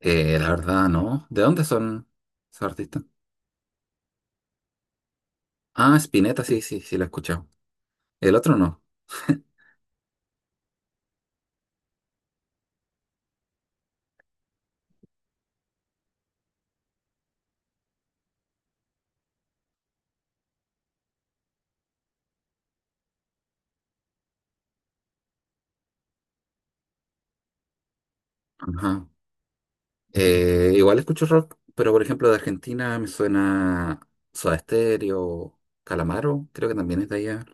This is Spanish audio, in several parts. La verdad, no. ¿De dónde son esos artistas? Ah, Spinetta, sí, sí, sí, la he escuchado. El otro no. Ajá. Igual escucho rock, pero por ejemplo de Argentina me suena Soda Stereo, Calamaro, creo que también es de allá.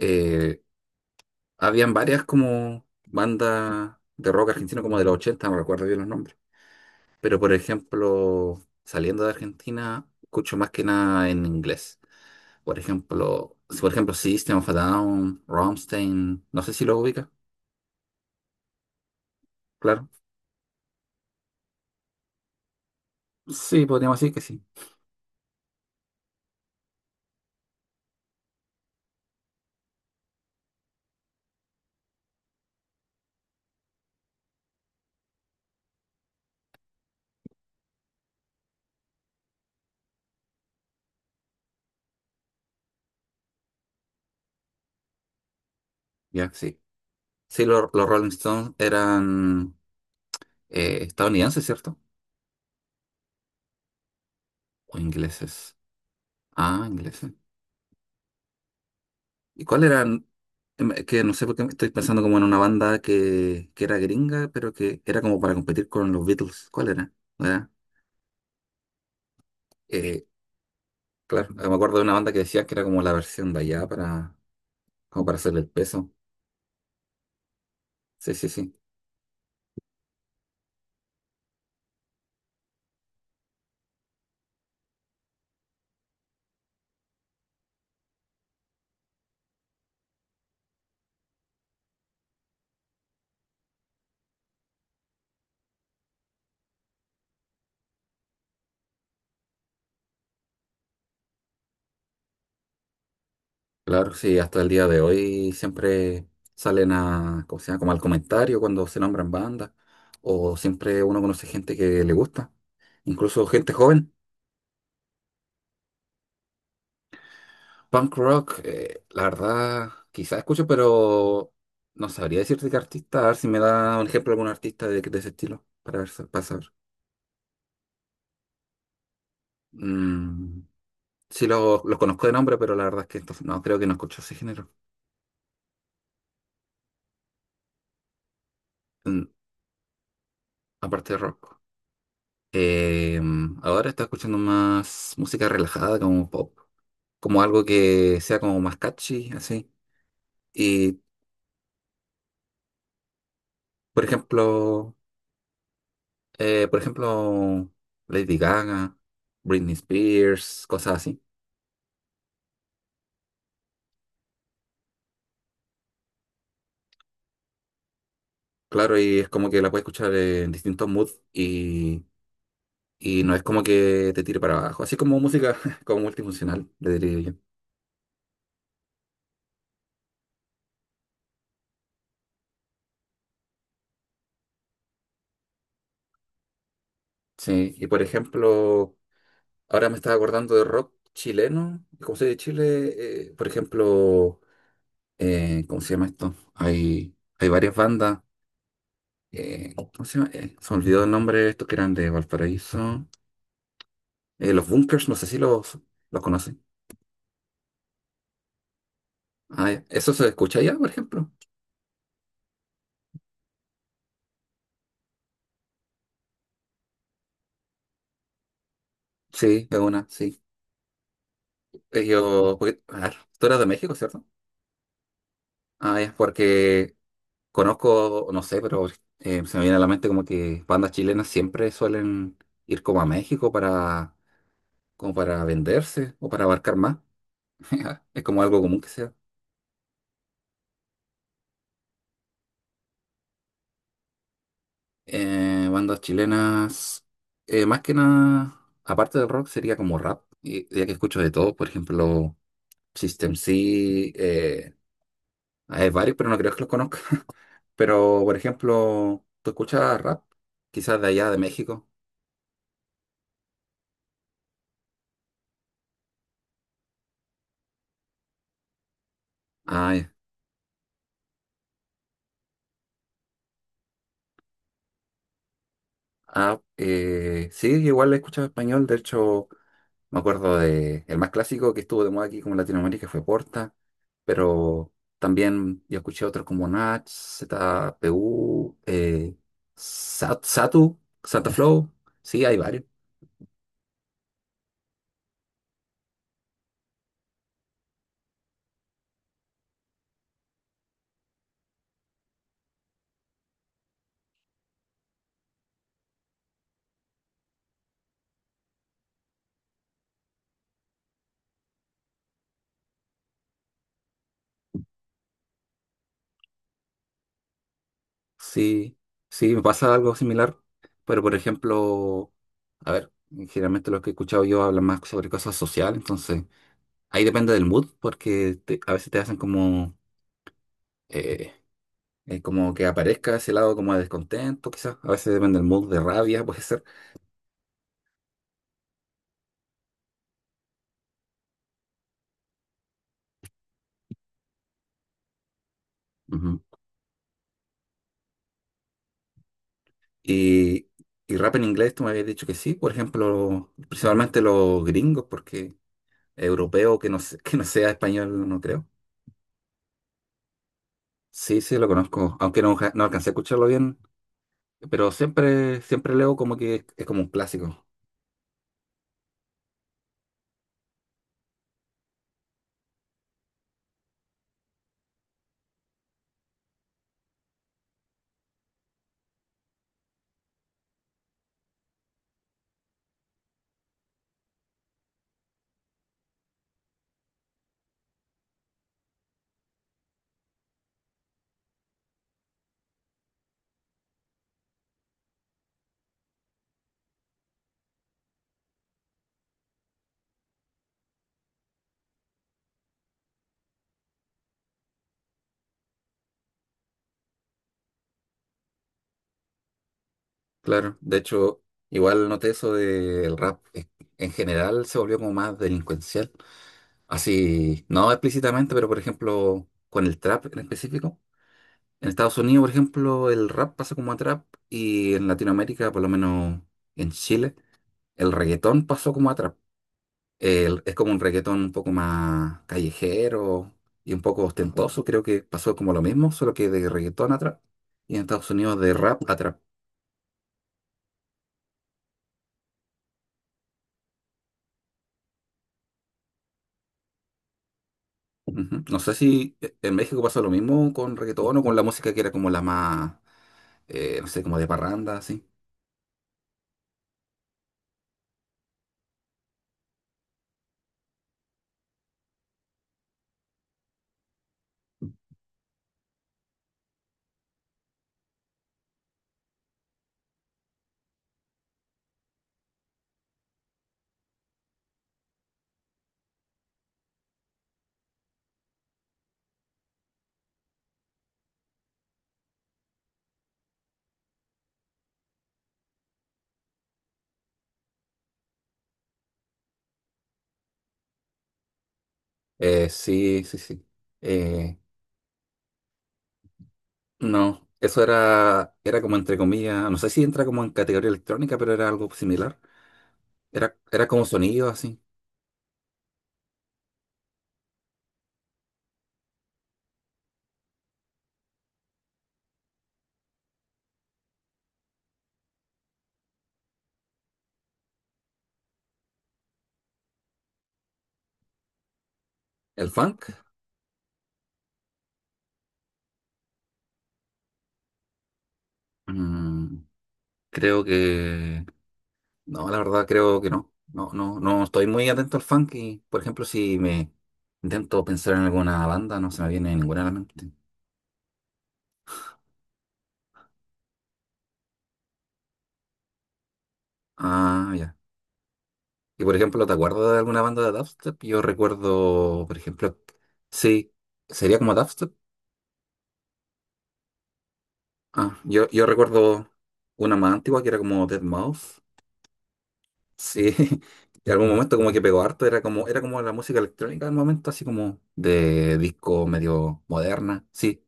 Eh, Habían varias como bandas de rock argentino como de los ochenta, no recuerdo bien los nombres. Pero por ejemplo, saliendo de Argentina, escucho más que nada en inglés. Por ejemplo, si por ejemplo System of a Down, Rammstein, no sé si lo ubica, claro. Sí, podríamos decir que sí. Ya, sí. Sí, los Rolling Stones eran estadounidenses, ¿cierto? ¿O ingleses? Ah, ingleses. ¿Y cuál eran? Que no sé por qué estoy pensando como en una banda que era gringa, pero que era como para competir con los Beatles. ¿Cuál era? ¿No era? Eh, claro, me acuerdo de una banda que decía que era como la versión de allá para, como para hacer el peso. Sí, sí, sí. Claro, sí, hasta el día de hoy siempre salen a, ¿cómo se llama? Como al comentario cuando se nombran bandas, o siempre uno conoce gente que le gusta, incluso gente joven. Punk rock, la verdad, quizás escucho, pero no sabría decirte qué artista, a ver si me da un ejemplo de algún artista de ese estilo, para ver, para saber. Mm, sí, los conozco de nombre, pero la verdad es que entonces, no, creo que no escucho ese género, mm, aparte de rock. Eh, Ahora está escuchando más música relajada, como pop, como algo que sea como más catchy, así. Y, por ejemplo, eh, por ejemplo, Lady Gaga, Britney Spears, cosas así. Claro, y es como que la puedes escuchar en distintos moods y no es como que te tire para abajo. Así como música como multifuncional, le diría yo. Sí, y por ejemplo, ahora me estaba acordando de rock chileno. Como soy de Chile, por ejemplo. ¿ Cómo se llama esto? Hay varias bandas. ¿Cómo se llama? Se me olvidó el nombre, estos que eran de Valparaíso. Los Bunkers, no sé si los, los conocen. Ah, ya. ¿Eso se escucha allá, por ejemplo? Sí, es una, sí. Ellos, a ver, tú eras de México, ¿cierto? Ah, es porque conozco, no sé, pero se me viene a la mente como que bandas chilenas siempre suelen ir como a México para, como para venderse o para abarcar más. Es como algo común que sea. Bandas chilenas, más que nada, aparte del rock, sería como rap, y, ya que escucho de todo, por ejemplo, System C, eh, hay varios, pero no creo que los conozca. Pero, por ejemplo, ¿tú escuchas rap? Quizás de allá, de México. Ah, ya. Ah, sí, igual escucho español, de hecho. Me acuerdo de el más clásico que estuvo de moda aquí como en Latinoamérica, fue Porta, pero también yo escuché otros como Nach, ZPU, Satu, Santa Flow. Sí, hay varios. Sí, sí, me pasa algo similar. Pero por ejemplo, a ver, generalmente lo que he escuchado yo habla más sobre cosas sociales, entonces ahí depende del mood, porque a veces te hacen como eh, como que aparezca ese lado como de descontento, quizás. A veces depende del mood de rabia, puede ser. Ujú. Y, y rap en inglés, tú me habías dicho que sí, por ejemplo, principalmente los gringos, porque europeo que no, que no sea español, no creo. Sí, sí, lo conozco, aunque no, no alcancé a escucharlo bien, pero siempre, siempre leo como que es como un clásico, claro. De hecho, igual noté eso del rap, en general se volvió como más delincuencial, así, no explícitamente, pero por ejemplo, con el trap en específico. En Estados Unidos, por ejemplo, el rap pasó como a trap, y en Latinoamérica, por lo menos en Chile, el reggaetón pasó como a trap. Es como un reggaetón un poco más callejero y un poco ostentoso. Creo que pasó como lo mismo, solo que de reggaetón a trap. Y en Estados Unidos de rap a trap. Ujú. No sé si en México pasó lo mismo con reggaetón o con la música que era como la más, no sé, como de parranda, así. Sí, sí, sí. Eh, No, eso era, era como entre comillas, no sé si entra como en categoría electrónica, pero era algo similar. Era, era como sonido así. ¿El funk? Mm, creo que... No, la verdad creo que no. No, no, no estoy muy atento al funk y, por ejemplo, si me intento pensar en alguna banda, no se me viene ninguna a la mente. Ah, ya. Y, por ejemplo, ¿te acuerdas de alguna banda de dubstep? Yo recuerdo, por ejemplo, sí, sería como dubstep. Ah, yo recuerdo una más antigua que era como Dead Mouse. Sí, en algún momento como que pegó harto, era como la música electrónica del momento, así como de disco medio moderna. Sí.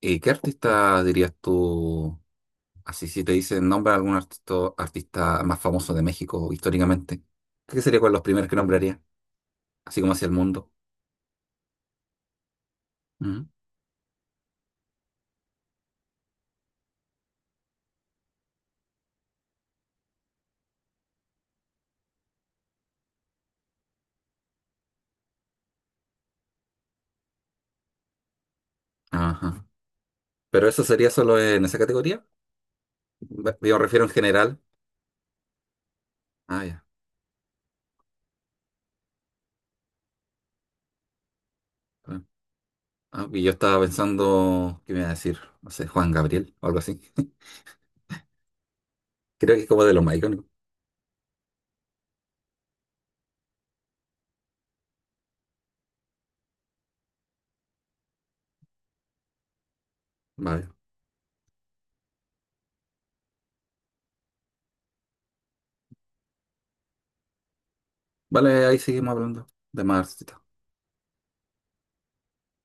¿Y qué artista dirías tú? Así si te dicen nombra algún artista, artista más famoso de México históricamente. ¿Qué sería con los primeros que nombraría? Así como hacia el mundo. Ujú. Ajá. Pero eso sería solo en esa categoría. Yo refiero en general. Ah, ya. Claro. Ah, y yo estaba pensando, ¿qué me iba a decir? No sé, Juan Gabriel o algo así. Creo que es como de los más icónicos. Vale. Vale, ahí seguimos hablando de más. Artistas.